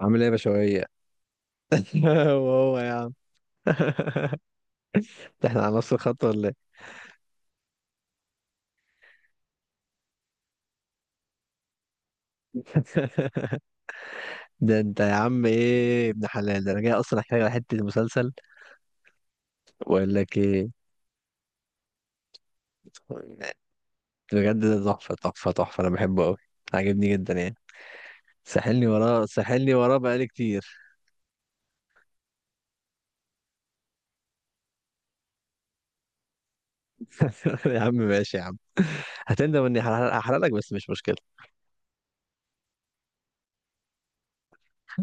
عامل ايه يا بشوية؟ وهو يا عم. ده احنا على نفس الخط ولا ايه؟ ده انت يا عم ايه ابن حلال، ده انا جاي اصلا احكي لك على حتة المسلسل واقول لك ايه. بجد ده تحفة تحفة تحفة، انا بحبه قوي، عاجبني جدا يعني. ساحلني وراه ساحلني وراه بقالي كتير. يا عم ماشي يا عم، هتندم اني هحرق لك، بس مش مشكلة.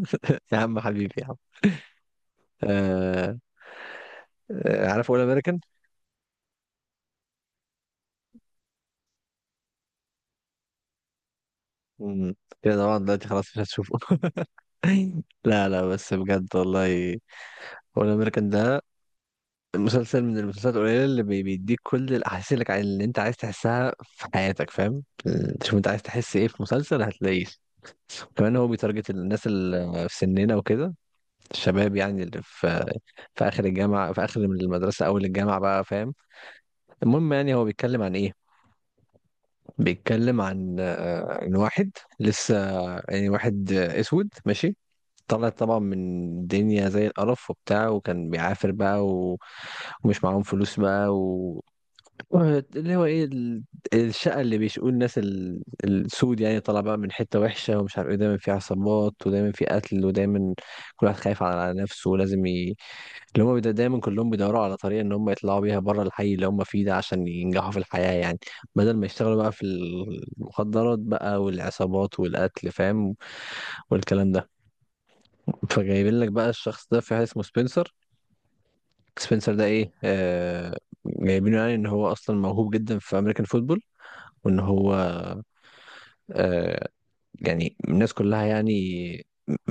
يا عم حبيبي يا عم. آه... آه، عارف اول امريكان؟ مم. كده طبعا دلوقتي خلاص مش هتشوفه. لا لا بس بجد والله، هو الامريكان ده مسلسل من المسلسلات القليله اللي بيديك كل الاحاسيس اللي انت عايز تحسها في حياتك، فاهم. تشوف انت عايز تحس ايه في مسلسل هتلاقيه. كمان هو بيتارجت الناس اللي في سننا وكده، الشباب يعني اللي في اخر الجامعه، في اخر من المدرسه اول الجامعه بقى، فاهم. المهم يعني هو بيتكلم عن ايه، بيتكلم عن ان واحد لسه، يعني واحد اسود ماشي، طلع طبعا من الدنيا زي القرف وبتاع، وكان بيعافر بقى ومش معاهم فلوس بقى، اللي هو ايه الشقه اللي بيشقوا الناس السود يعني، طالع بقى من حته وحشه ومش عارف ايه، دايما في عصابات ودايما في قتل ودايما كل واحد خايف على نفسه ولازم اللي هم دايما كلهم بيدوروا على طريقه ان هم يطلعوا بيها بره الحي اللي هم فيه ده عشان ينجحوا في الحياه يعني، بدل ما يشتغلوا بقى في المخدرات بقى والعصابات والقتل، فاهم، والكلام ده. فجايبين لك بقى الشخص ده في حاجه اسمه سبنسر. سبنسر ده ايه جايبينه يعني ان هو اصلا موهوب جدا في امريكان فوتبول، وان هو آه، يعني الناس كلها يعني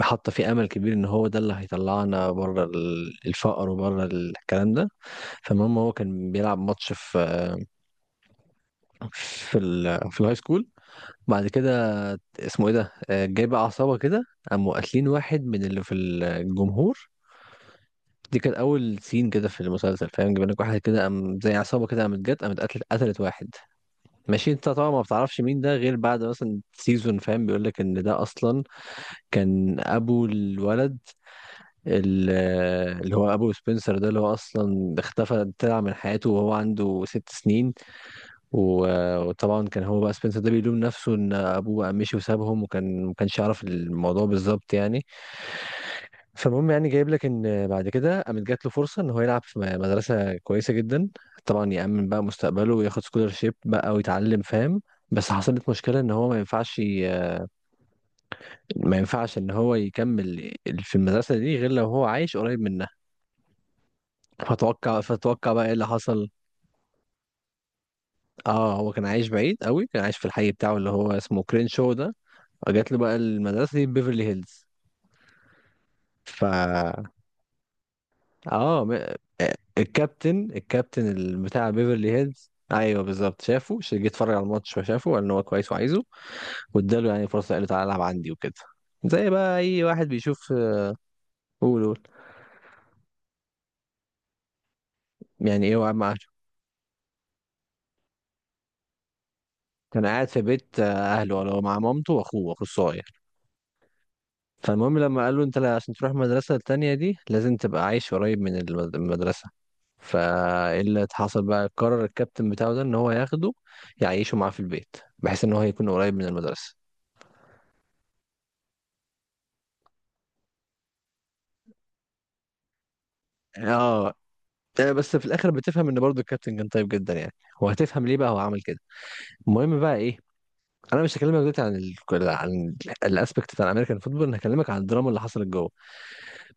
حاطه فيه امل كبير ان هو ده اللي هيطلعنا بره الفقر وبره الكلام ده. فالمهم هو كان بيلعب ماتش في في ال في الهاي سكول، بعد كده اسمه ايه ده، آه، جاي بقى عصابه كده قاموا قاتلين واحد من اللي في الجمهور. دي كانت اول سين كده في المسلسل، فاهم، جايبين لك واحد كده قام زي عصابه كده قامت جت قامت قتلت واحد. ماشي، انت طبعا ما بتعرفش مين ده غير بعد مثلا سيزون، فاهم، بيقول لك ان ده اصلا كان ابو الولد، ال- اللي هو ابو سبنسر ده اللي هو اصلا اختفى طلع من حياته وهو عنده ست سنين، و- وطبعا كان هو بقى سبنسر ده بيلوم نفسه ان ابوه بقى مشي وسابهم، وكان ما كانش يعرف الموضوع بالظبط يعني. فالمهم يعني جايب لك ان بعد كده قامت جات له فرصه ان هو يلعب في مدرسه كويسه جدا، طبعا يأمن بقى مستقبله وياخد سكولرشيب بقى ويتعلم، فاهم. بس حصلت مشكلة ان هو ما ينفعش ما ينفعش ان هو يكمل في المدرسة دي غير لو هو عايش قريب منها. فتوقع بقى ايه اللي حصل. اه هو كان عايش بعيد قوي، كان عايش في الحي بتاعه اللي هو اسمه كرينشو ده، فجات له بقى المدرسه دي بيفرلي هيلز. ف اه آه، الكابتن الكابتن بتاع بيفرلي هيلز، ايوه بالظبط، شافه جه اتفرج على الماتش فشافه قال ان هو كويس وعايزه، واداله يعني فرصه قال له تعالى العب عندي وكده، زي بقى اي واحد بيشوف آه، قول يعني ايه وقعد مع أهله. كان قاعد في بيت آه، اهله، ولا هو مع مامته واخوه الصغير. فالمهم لما قال له انت عشان تروح المدرسة التانية دي لازم تبقى عايش قريب من المدرسة. فايه اللي حصل بقى، قرر الكابتن بتاعه ده ان هو ياخده يعيشه معاه في البيت بحيث ان هو يكون قريب من المدرسة. اه آه، بس في الاخر بتفهم ان برضو الكابتن كان طيب جدا يعني، وهتفهم ليه بقى هو عمل كده. المهم بقى ايه، انا مش هكلمك دلوقتي عن عن الاسبكت بتاع الامريكان فوتبول، انا هكلمك عن الدراما اللي حصلت جوه.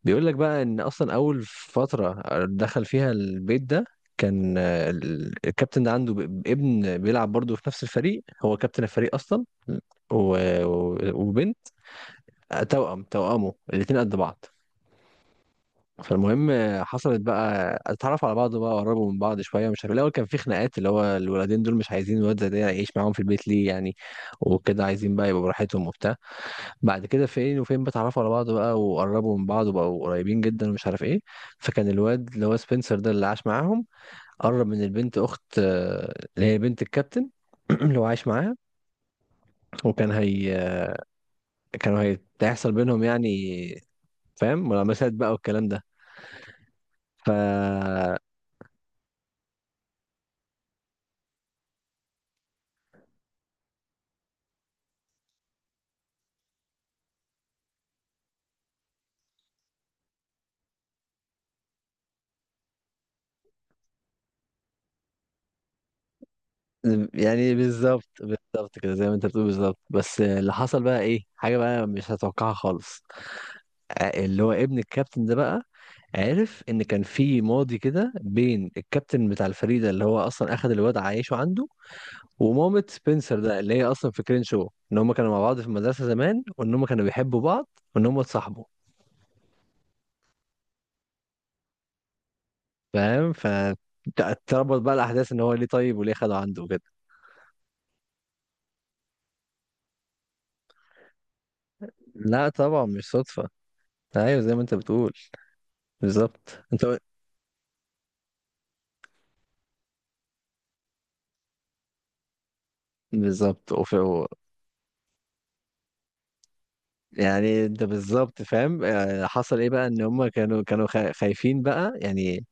بيقول لك بقى ان اصلا اول فتره دخل فيها البيت ده كان آه، الكابتن ده عنده ابن بيلعب برضه في نفس الفريق، هو كابتن الفريق اصلا، و- و- وبنت، توأمه الاتنين قد بعض. فالمهم آه، حصلت بقى اتعرفوا على بعض بقى قربوا من بعض شويه، مش عارف الاول كان في خناقات، اللي هو الولدين دول مش عايزين الواد زي ده يعيش معاهم في البيت ليه يعني، وكده عايزين بقى يبقوا براحتهم وبتاع. بعد كده فين وفين بتعرفوا على بعض بقى وقربوا من بعض وبقوا قريبين جدا ومش عارف ايه، فكان الواد اللي هو سبنسر ده اللي عاش معاهم قرب من البنت اخت آه، اللي هي بنت الكابتن اللي هو عايش معاها، وكان هي كانوا هيحصل بينهم يعني، فاهم، ملامسات بقى والكلام ده. ف يعني بالظبط كده زي ما انت بتقول بالظبط، بس اللي حصل بقى ايه، حاجة بقى مش هتوقعها خالص. آه، اللي هو ابن الكابتن ده بقى عرف ان كان في ماضي كده بين الكابتن بتاع الفريق ده اللي هو اصلا اخد الواد عايشه عنده، ومامة سبنسر ده اللي هي اصلا في كرينشو، ان هم كانوا مع بعض في المدرسه زمان وان هم كانوا بيحبوا بعض وان هم اتصاحبوا، فاهم. ف تربط بقى الاحداث ان هو ليه طيب وليه خده عنده كده. لا طبعا مش صدفه، ايوه زي ما انت بتقول بالظبط. انت بالظبط. وفي يعني انت بالظبط فاهم آه، حصل ايه بقى، ان هم كانوا خايفين بقى يعني.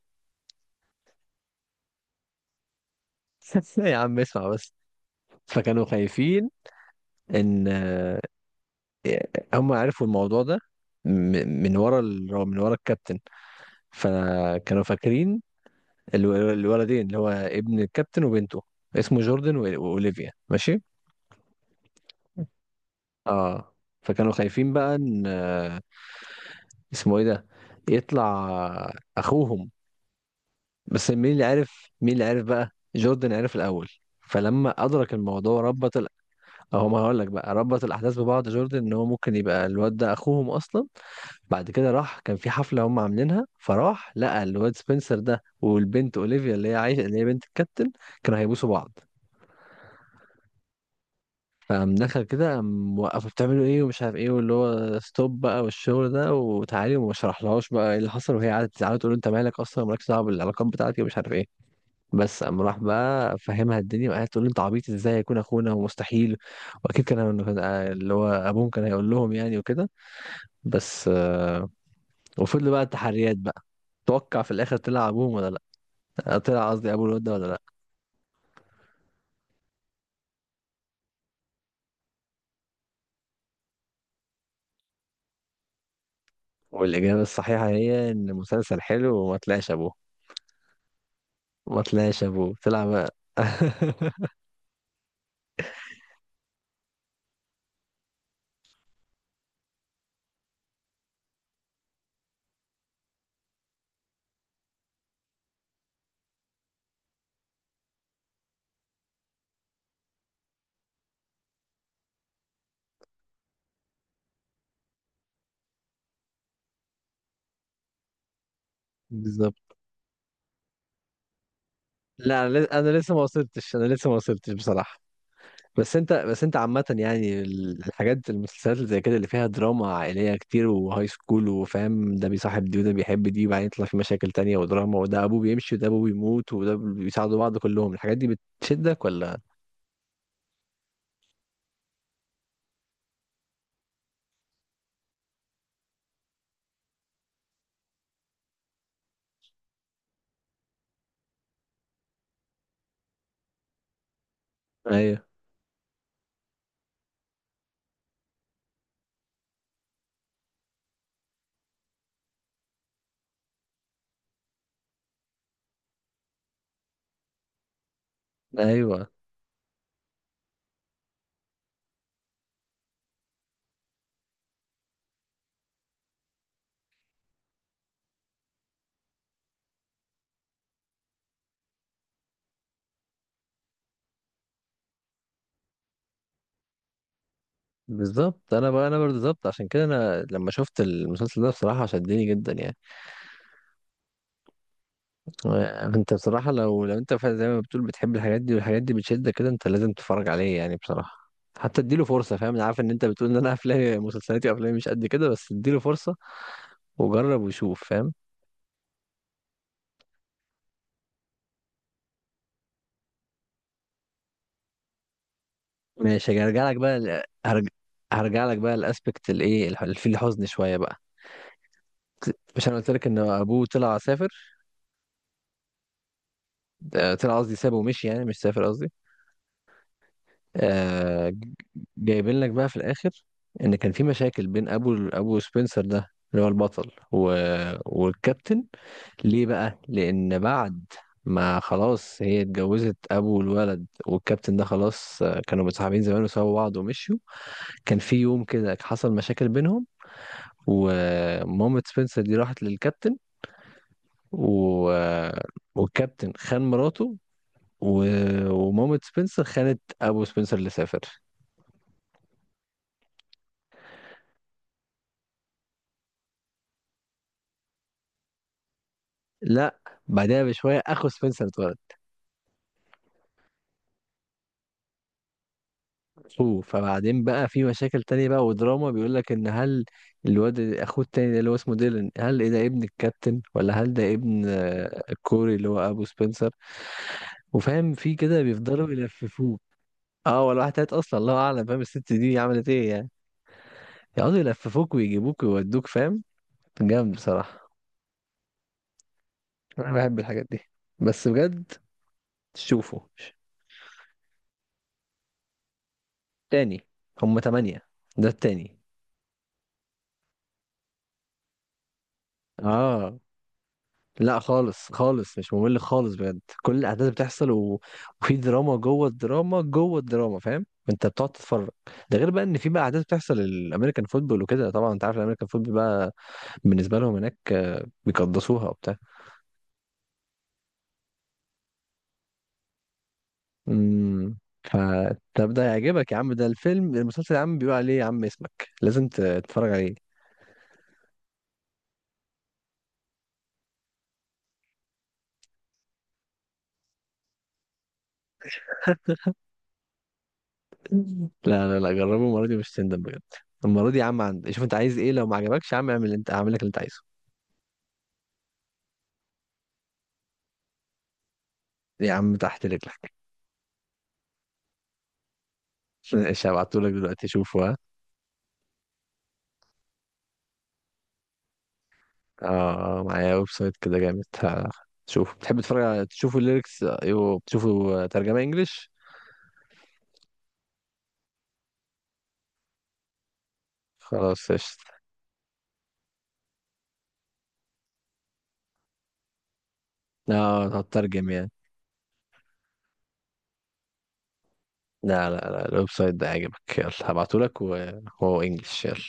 يا عم اسمع بس. فكانوا خايفين ان آه، هم عرفوا الموضوع ده من ورا من ورا الكابتن، فكانوا فاكرين الولدين اللي هو ابن الكابتن وبنته، اسمه جوردن و- واوليفيا، ماشي. اه فكانوا خايفين بقى ان آه، اسمه ايه ده، يطلع اخوهم. بس مين اللي عرف، مين اللي عرف بقى، جوردن عرف الاول، فلما ادرك الموضوع ربط، اهو ما هقول لك بقى، ربط الاحداث ببعض جوردن ان هو ممكن يبقى الواد ده اخوهم اصلا. بعد كده راح كان في حفله هم عاملينها، فراح لقى الواد سبنسر ده والبنت اولivia اللي هي عايشه اللي هي بنت الكابتن، كانوا هيبوسوا بعض، فقام دخل كده قام وقفوا بتعملوا ايه ومش عارف ايه، واللي هو ستوب بقى والشغل ده وتعالي، وما شرحلهاش بقى ايه اللي حصل، وهي قعدت تزعل تقول له انت مالك اصلا، مالكش دعوه بالعلاقات بتاعتي ومش عارف ايه. بس قام راح بقى فهمها الدنيا، وقعدت تقول له انت عبيط، ازاي يكون اخونا ومستحيل، واكيد اللي هو ابوهم كان هيقول لهم يعني وكده، بس آه، وفضلوا بقى التحريات بقى. توقع في الاخر طلع ابوهم ولا لا، آه، طلع قصدي ابو الواد ده ولا لا. والاجابه الصحيحه هي ان المسلسل حلو وما طلعش ابوه. ما طلعش ابوه، طلع بقى. بالظبط. لا انا أنا لسه ما وصلتش، انا لسه ما وصلتش بصراحه. بس انت عامة يعني الحاجات المسلسلات اللي زي كده اللي فيها دراما عائلية كتير وهاي سكول وفاهم، ده بيصاحب دي وده بيحب دي وبعدين يطلع في مشاكل تانية ودراما، وده ابوه بيمشي وده ابوه بيموت وده بيساعدوا بعض كلهم، الحاجات دي بتشدك ولا. ايوه. ايوه بالظبط، انا بقى انا برضه بالظبط، عشان كده انا لما شفت المسلسل ده بصراحة شدني جدا يعني. انت بصراحة لو انت فعلا زي ما بتقول بتحب الحاجات دي والحاجات دي بتشدك كده، انت لازم تتفرج عليه يعني بصراحة. حتى اديله فرصة، فاهم، انا عارف ان انت بتقول ان انا افلامي مسلسلاتي وافلامي مش قد كده، بس اديله فرصة وجرب وشوف، فاهم. ماشي هرجع لك بقى هرجع لك بقى الاسبكت الايه في الحزن شوية بقى. مش انا قلت لك ان ابوه طلع سافر، طلع قصدي سابه ومشي يعني، مش سافر قصدي آه. جايبين لك بقى في الاخر ان كان في مشاكل بين ابو سبنسر ده اللي هو البطل والكابتن. ليه بقى، لان بعد ما خلاص هي اتجوزت ابو الولد والكابتن ده خلاص آه، كانوا متصاحبين زمان وسابوا بعض ومشيوا، كان في يوم كده حصل مشاكل بينهم، ومامة سبنسر دي راحت للكابتن آه، والكابتن خان مراته و... ومامة سبنسر خانت ابو سبنسر اللي سافر. لا بعدها بشويه اخو سبنسر اتولد، اخوه. فبعدين بقى في مشاكل تانية بقى ودراما، بيقول لك ان هل الواد اخوه التاني ده اللي هو اسمه ديلان، هل إيه ده ابن الكابتن، ولا هل ده ابن آه، الكوري اللي هو ابو سبنسر. وفاهم في كده بيفضلوا يلففوك. اه ولا واحد تالت اصلا، الله اعلم، فاهم الست دي عملت ايه يعني. يقعدوا يلففوك ويجيبوك ويودوك، فاهم، جامد بصراحه. انا بحب الحاجات دي بس بجد. تشوفه تاني، هم تمانية، ده التاني. اه لا خالص خالص مش ممل خالص بجد، كل الاحداث بتحصل وفي دراما جوه الدراما جوه الدراما، فاهم، انت بتقعد تتفرج. ده غير بقى ان في بقى احداث بتحصل الامريكان فوتبول وكده، طبعا انت عارف الامريكان فوتبول بقى بالنسبه لهم هناك آه، بيقدسوها وبتاع. امم. فطب ده يعجبك يا عم، ده الفيلم المسلسل يا عم بيقول عليه يا عم اسمك، لازم تتفرج عليه. لا لا لا جربه المره دي مش هتندم بجد. المره دي يا عم عندي، شوف انت عايز ايه، لو ما عجبكش يا عم اعمل اللي انت هعمل لك اللي انت عايزه. يا عم تحت رجلك. ماشي هبعتهولك دلوقتي شوفه ها. اه آه، معايا ويب سايت كده جامد، شوف بتحب تتفرج على تشوفوا الليركس، ايوه بتشوفوا ترجمة انجليش. خلاص قشطة. لا هترجم يعني. لا لا لا الويب سايت ده عاجبك، يلا هبعتهولك وهو انجليش، يلا.